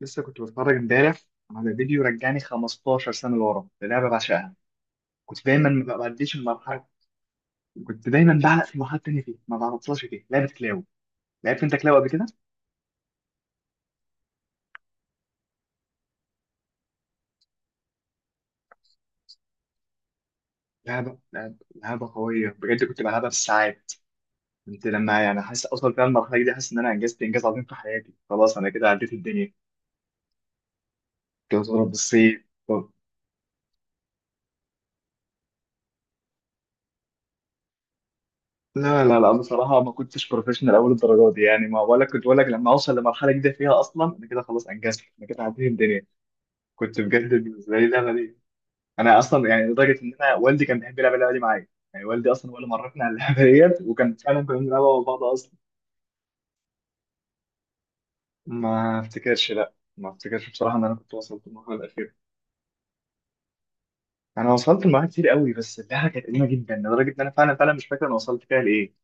لسه كنت بتفرج امبارح على فيديو رجعني 15 سنة لورا للعبة بعشقها. كنت دايما ما بعديش المرحلة. كنت دايما بعلق في مرحلة تانية فيه ما بعرفهاش، فيه لعبة كلاو. لعبت انت كلاو قبل كده؟ لعبة قوية بجد، كنت بلعبها بالساعات. كنت لما يعني حاسس اوصل فيها المرحلة دي، حاسس ان انا انجزت انجاز عظيم في حياتي، خلاص انا كده عديت الدنيا. كنت بضرب بالصيف طب. لا لا لا، بصراحة ما كنتش بروفيشنال أول الدرجات دي، يعني ما ولا كنت، ولا لما أوصل لمرحلة جديدة فيها أصلا أنا كده خلاص أنجزت، أنا كده عديت الدنيا. كنت بجد بالنسبه لي اللعبه دي، انا اصلا يعني لدرجه ان انا والدي كان بيحب يلعب اللعبه دي معايا. يعني والدي اصلا هو اللي مرفني على اللعبه ديت، وكان فعلا كنا بنلعبها مع بعض اصلا. ما افتكرش، لا ما افتكرش بصراحه ان انا كنت وصلت للمرحله الاخيره. انا وصلت لمرحله كتير قوي، بس اللعبه كانت قديمه جدا لدرجه ان انا فعلا فعلا مش فاكر انا وصلت فيها لايه.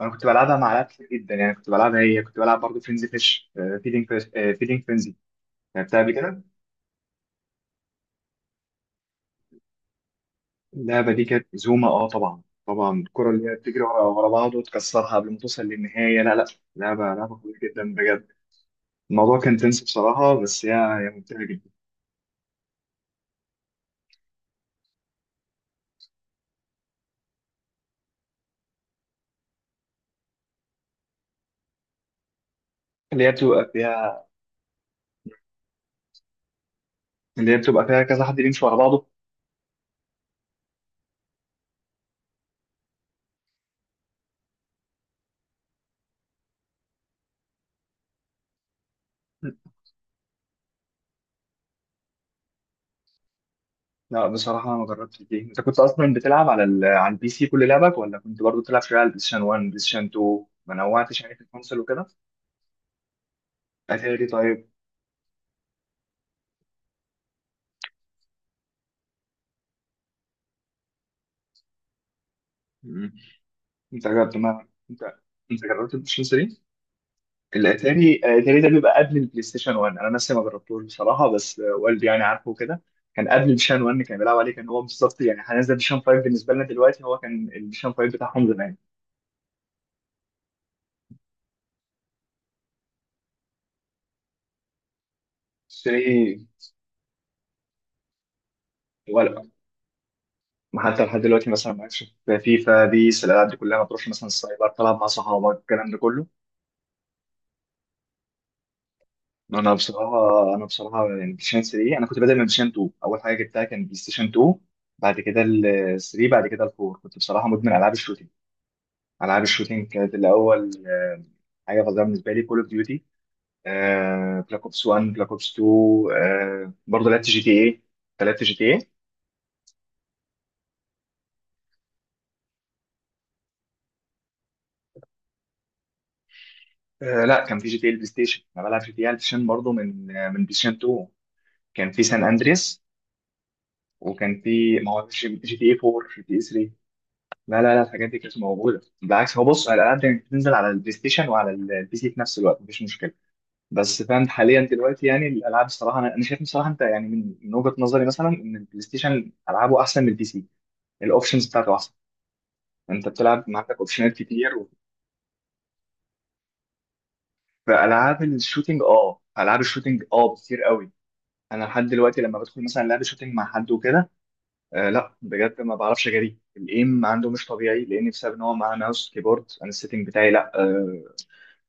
انا كنت بلعبها مع لعبة كتير جدا، يعني كنت بلعبها، هي كنت بلعب برضه فرينزي فيش، فيدينج فيش، فيدينج فرينزي. لعبتها قبل كده. اللعبة دي كانت زوما، اه طبعا طبعا. الكرة اللي هي بتجري ورا ورا بعض وتكسرها قبل ما توصل للنهاية، لا لا. لعبة قوية جدا بجد. الموضوع كان تنس بصراحة، بس هي ممتعة جدا. اللي هي بتبقى فيها اللي هي بتبقى فيها كذا حد يمشي ورا بعضه. لا بصراحة أنا ما جربتش دي. أنت كنت أصلا بتلعب على على البي سي كل لعبك، ولا كنت برضو بتلعب شوية على البلايستيشن 1، بلايستيشن 2؟ ما نوعتش يعني في الكونسول وكده. أتاري طيب. مم. أنت جربت، ما أنت، أنت جربت البلايستيشن؟ الاتاري، الاتاري ده بيبقى قبل البلاي ستيشن 1. انا نفسي ما جربتوش بصراحه، بس والدي يعني عارفه كده. كان قبل البلايستيشن 1 كان بيلعب عليه، كان هو بالظبط يعني هنزل البلايستيشن 5 بالنسبه لنا دلوقتي، هو كان البلايستيشن 5 بتاعهم زمان. 3؟ ولا حتى لحد دلوقتي مثلا ما عادش في فيفا بيس، الالعاب دي كلها، ما بتروحش مثلا السايبر تلعب مع صحابك الكلام ده كله؟ انا بصراحه يعني بلايستيشن 3، انا كنت بادئ من بلايستيشن 2، اول حاجه جبتها كان بلايستيشن 2، بعد كده ال 3، بعد كده ال 4. كنت بصراحه مدمن العاب الشوتنج. العاب الشوتينج كانت الاول حاجه فظيعه بالنسبه لي، كول اوف ديوتي، بلاك اوبس 1، بلاك اوبس 2. برضه لعبت جي تي اي. أنت لعبت جي تي اي؟ لا كان في جي تي اي البلاي ستيشن. انا بلعب جي تي اي على البلاي ستيشن برضه من من بلاي ستيشن 2. كان في سان اندريس، وكان في، ما هو جي تي اي 4، جي تي اي 3. لا لا لا، الحاجات دي كانت موجوده بالعكس. هو بص، الالعاب دي بتنزل على البلاي ستيشن وعلى البي سي في نفس الوقت، مفيش مشكله. بس فاهم، حاليا دلوقتي يعني الالعاب الصراحه، أنا شايف بصراحه انت، يعني من وجهه نظري مثلا ان البلاي ستيشن العابه احسن من البي سي. الاوبشنز بتاعته احسن، انت بتلعب عندك اوبشنات كتير و... فالعاب الشوتينج اه، العاب الشوتينج اه كتير قوي. انا لحد دلوقتي لما بدخل مثلا لعبه شوتينج مع حد وكده، آه لا بجد ما بعرفش اجري، الايم عنده مش طبيعي، لان بسبب ان هو معاه ماوس كيبورد، انا السيتنج بتاعي لا آه،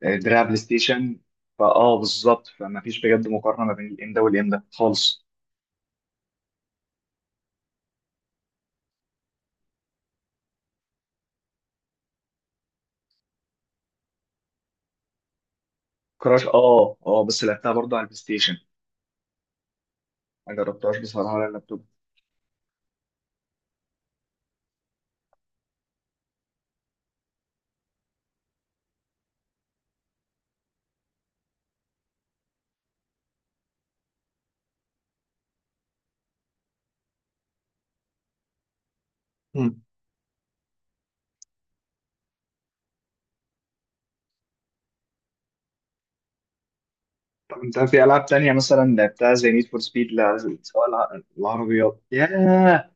دراع بلاي ستيشن. فاه بالظبط، فما فيش بجد مقارنه ما بين الايم ده والايم ده خالص. كراش اه اه، بس لعبتها برضه على البلاي ستيشن. ما جربتهاش بصراحه على اللابتوب. مم. طب انت في العاب تانية مثلا لعبتها زي نيد فور سبيد؟ لا، سواء العربيات، ياه.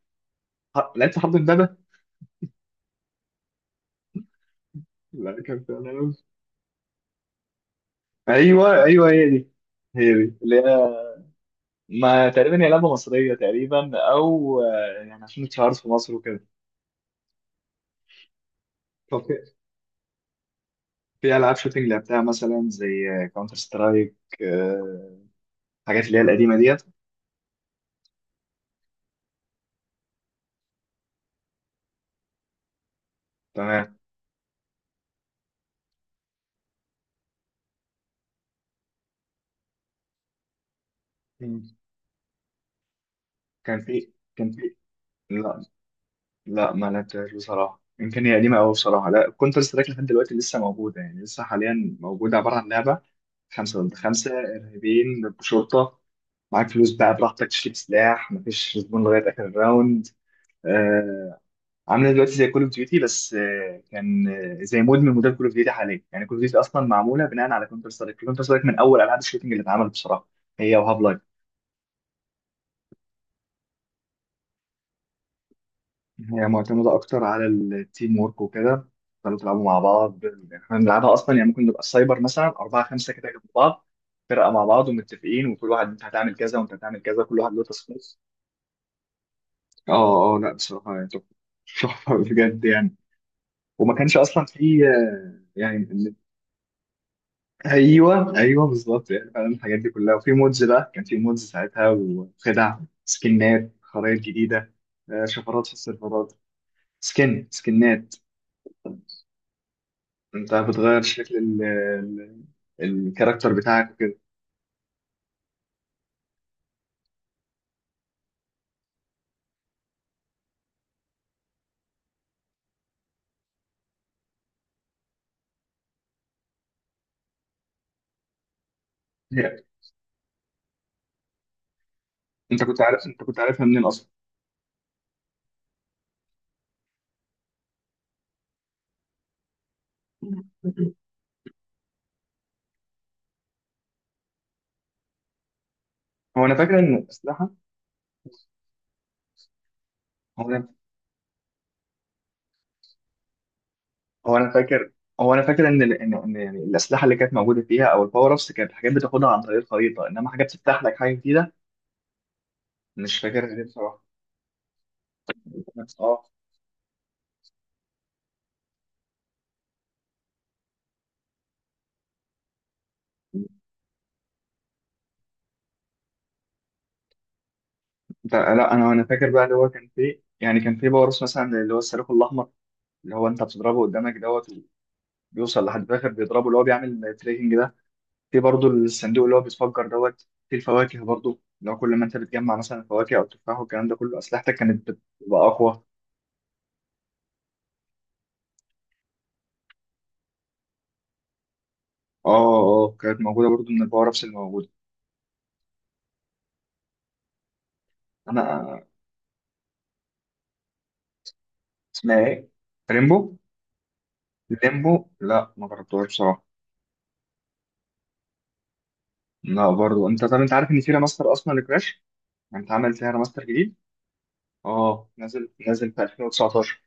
لعبت حرب امبابه؟ لا كان في ألعاب. ايوه ايوه هي دي، هي دي اللي هي. ما تقريبا هي لعبه مصريه تقريبا، او يعني عشان اتشهرت في مصر وكده. طب في العاب شوتنج لعبتها مثلا زي كاونتر سترايك؟ حاجات اللي هي القديمه ديت. تمام. مم. كان في. لا لا، ما لعبتهاش بصراحة، يمكن هي قديمة أوي بصراحة. لا كونتر سترايك لحد دلوقتي لسه موجودة، يعني لسه حاليا موجودة. عبارة عن لعبة خمسة ضد خمسة، إرهابيين ضد شرطة، معاك فلوس بقى براحتك تشتري سلاح، مفيش زبون لغاية آخر الراوند. آه. عاملة دلوقتي زي كول أوف ديوتي، بس آه كان، آه زي مود من مودات كول أوف ديوتي حاليا. يعني كول أوف ديوتي أصلا معمولة بناء على كونتر سترايك، كونتر سترايك من أول ألعاب الشوتنج اللي اتعملت بصراحة، هي وهاف لايف. هي معتمدة أكتر على التيم ورك وكده، تفضلوا تلعبوا مع بعض. يعني احنا بنلعبها أصلا يعني ممكن نبقى السايبر مثلا أربعة خمسة كده جنب بعض، فرقة مع بعض ومتفقين، وكل واحد أنت هتعمل كذا وأنت هتعمل كذا، كل واحد له تاسكات. اه اه، لا بصراحة يعني تحفة. تحفة بجد يعني. وما كانش أصلا في يعني أيوه أيوه بالظبط، يعني فعلا الحاجات دي كلها. وفي مودز بقى، كان في مودز ساعتها وخدع، سكنات، خرائط جديدة، شفرات في السيرفرات. سكنات، انت بتغير شكل الكاركتر بتاعك وكده. هي، انت كنت عارف، انت كنت عارفها منين اصلا؟ هو انا فاكر ان الاسلحه هو انا هو انا فاكر هو انا فاكر ان إن يعني الاسلحه اللي كانت موجوده فيها او الباور ابس، كانت حاجات بتاخدها عن طريق الخريطه، انما حاجات بتفتح لك حاجه جديده. مش فاكرها دي بصراحه، اه. انت لا، انا فاكر بقى اللي هو كان فيه، يعني كان فيه باور ابس مثلا، اللي هو الصاروخ الاحمر، اللي هو انت بتضربه قدامك دوت بيوصل لحد الاخر بيضربه، اللي هو بيعمل تريكنج ده. في برضو الصندوق اللي هو بيتفجر دوت في الفواكه برضو، لو كل ما انت بتجمع مثلا فواكه او تفاح والكلام ده كله، اسلحتك كانت بتبقى اقوى. اه اه، كانت موجوده برضو من الباور ابس اللي موجوده. انا اسمها ايه؟ ريمبو، ليمبو؟ لا ما جربتهاش بصراحه. لا برضو. انت طب انت عارف ان في ريماستر اصلا لكراش؟ يعني انت عملت فيها ريماستر جديد. اه، نازل في 2019.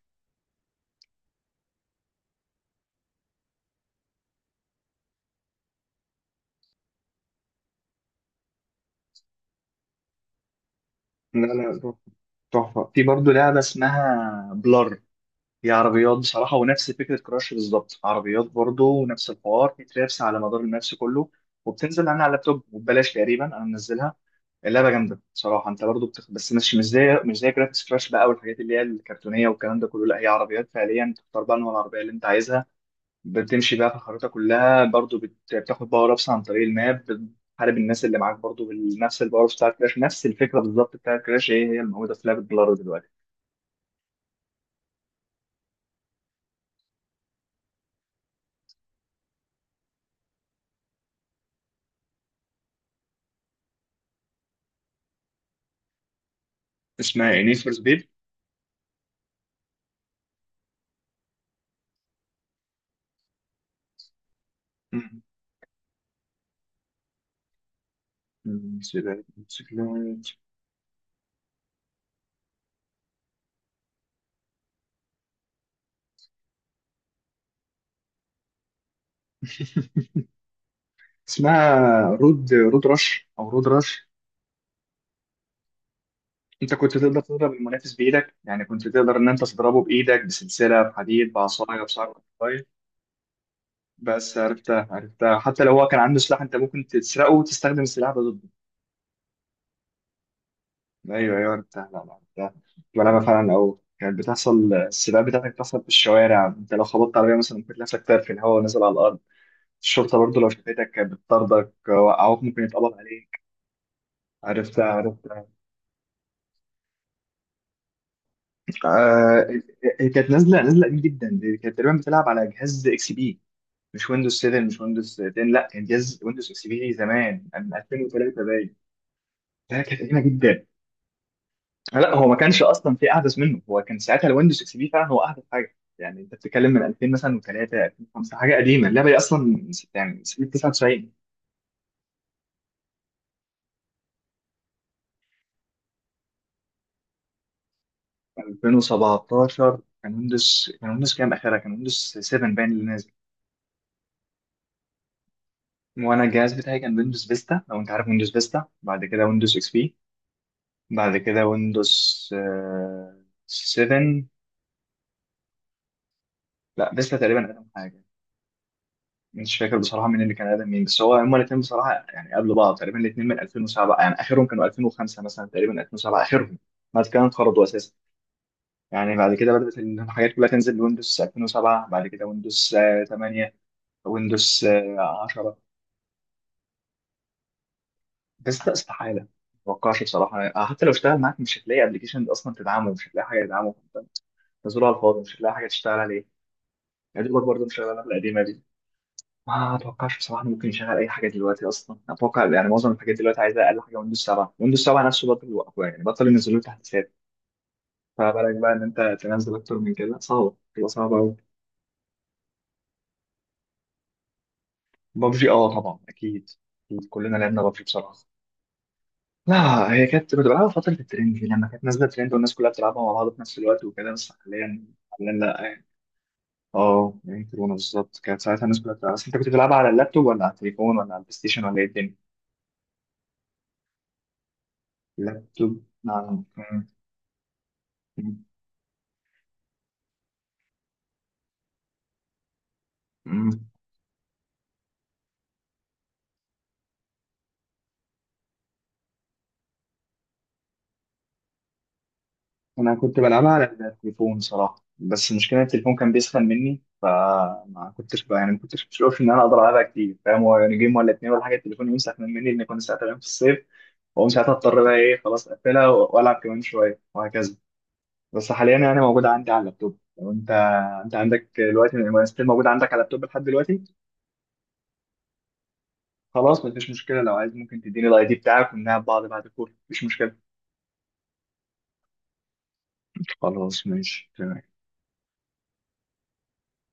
لا لا، تحفه. في برضو لعبه اسمها بلار، هي عربيات بصراحة ونفس فكرة كراش بالظبط، عربيات برضه ونفس الحوار، في ترابس على مدار الماتش كله، وبتنزل عنها على اللابتوب، وببلاش تقريبا أنا منزلها. اللعبة جامدة بصراحة، أنت برضه بس مش زي، مش زي جرافيكس كراش بقى والحاجات اللي هي الكرتونية والكلام ده كله، لا هي عربيات فعليا. تختار بقى نوع العربية اللي أنت عايزها، بتمشي بقى في الخريطة كلها برضه بتاخد باور أبس عن طريق الماب، بتحارب الناس اللي معاك برضه بنفس الباور بتاع كراش، نفس الفكرة بالظبط بتاع كراش، هي الموجودة في لعبة بلارو دلوقتي. اسمها إيه، نيد فور سبيد؟ موتوسيكلات. اسمها رود رش، او رود رش. انت كنت تقدر تضرب المنافس بايدك، يعني كنت تقدر ان انت تضربه بايدك، بسلسله، بحديد، بعصايه، بصاروخ طيب. بس عرفتها عرفتها، حتى لو هو كان عنده سلاح، انت ممكن تسرقه وتستخدم السلاح ده ضده. ايوه ايوه عرفتها، لا لا عرفتها. كنت بلعبها فعلا، او كانت بتحصل السباقات بتاعتك بتحصل في الشوارع، انت لو خبطت عربيه مثلا ممكن تلاقي نفسك طاير في الهواء ونازل على الارض. الشرطه برضو لو شافتك كانت بتطاردك، وقعوك ممكن يتقبض عليك. عرفتها عرفتها، آه. هي كانت نازله قديم جدا، دي كانت تقريبا بتلعب على جهاز اكس بي. مش ويندوز 7، مش ويندوز 10، لا كان جهاز ويندوز اكس بي زمان من 2003 باين. ده كانت قديمه جدا. لا هو ما كانش اصلا في احدث منه، هو كان ساعتها الويندوز اكس بي فعلا هو احدث حاجه، يعني انت بتتكلم من 2000 مثلا و3، 2005، حاجه قديمه. اللعبه دي اصلا من يعني من سنه 99. 2017 كان ويندوز، كام اخرها؟ كان ويندوز 7 باين اللي نازل. وانا الجهاز بتاعي كان ويندوز فيستا، لو انت عارف ويندوز فيستا، بعد كده ويندوز اكس بي، بعد كده ويندوز 7. لا فيستا تقريبا اقدم حاجه. مش فاكر بصراحه مين اللي كان اقدم مين، بس هو هما الاثنين بصراحه يعني قبل بعض تقريبا، الاثنين من 2007، يعني اخرهم كانوا 2005 مثلا، تقريبا 2007 اخرهم، بعد كده انقرضوا اساسا. يعني بعد كده بدات الحاجات كلها تنزل لويندوز 2007، بعد كده ويندوز 8، ويندوز 10. فيستا استحاله، ما اتوقعش بصراحه حتى لو اشتغل معاك مش هتلاقي ابلكيشن اصلا تدعمه، مش هتلاقي حاجه تدعمه، نزلوها على الفاضي، مش هتلاقي حاجه تشتغل عليه. يعني دوبك برضه مش شغاله القديمه دي، ما اتوقعش بصراحه إنه ممكن يشغل اي حاجه دلوقتي اصلا. اتوقع يعني معظم الحاجات دلوقتي عايزه اقل حاجه ويندوز 7، ويندوز 7 نفسه بطل، يوقفوها يعني بطل ينزلوا له تحديثات. فبالك بقى ان انت تنزل اكتر من كده، صعبه تبقى صعبه قوي. ببجي اه طبعا اكيد. أكيد. كلنا لعبنا ببجي بصراحه. لا، هي كانت كنت بلعبها فتره الترند دي لما كانت نازله ترند والناس كلها بتلعبها مع بعض في نفس الوقت وكده، بس حاليا، حاليا لا يعني. اه يعني كورونا بالظبط كانت ساعتها الناس كلها بتلعبها. بس انت كنت بتلعبها على اللابتوب ولا على التليفون ولا على البلاي ستيشن ولا ايه الدنيا؟ لابتوب، نعم. مم. انا كنت بلعبها على التليفون صراحه، بس المشكله إن التليفون كان بيسخن مني، فما كنتش بقى يعني ما كنتش بشوف ان انا اقدر العبها كتير، فاهم، هو يعني جيم ولا اتنين ولا حاجه، التليفون يمسح من مني، لان كنت ساعتها غير في الصيف، واقوم ساعتها اضطر بقى ايه، خلاص اقفلها والعب كمان شويه، وهكذا. بس حاليا يعني موجوده عندي على اللابتوب. لو انت، عندك دلوقتي ستيل موجوده عندك على اللابتوب لحد دلوقتي؟ خلاص مفيش مشكله، لو عايز ممكن تديني الاي دي بتاعك ونلعب بعض بعد الكورة، مفيش مشكله. خلاص ماشي تمام.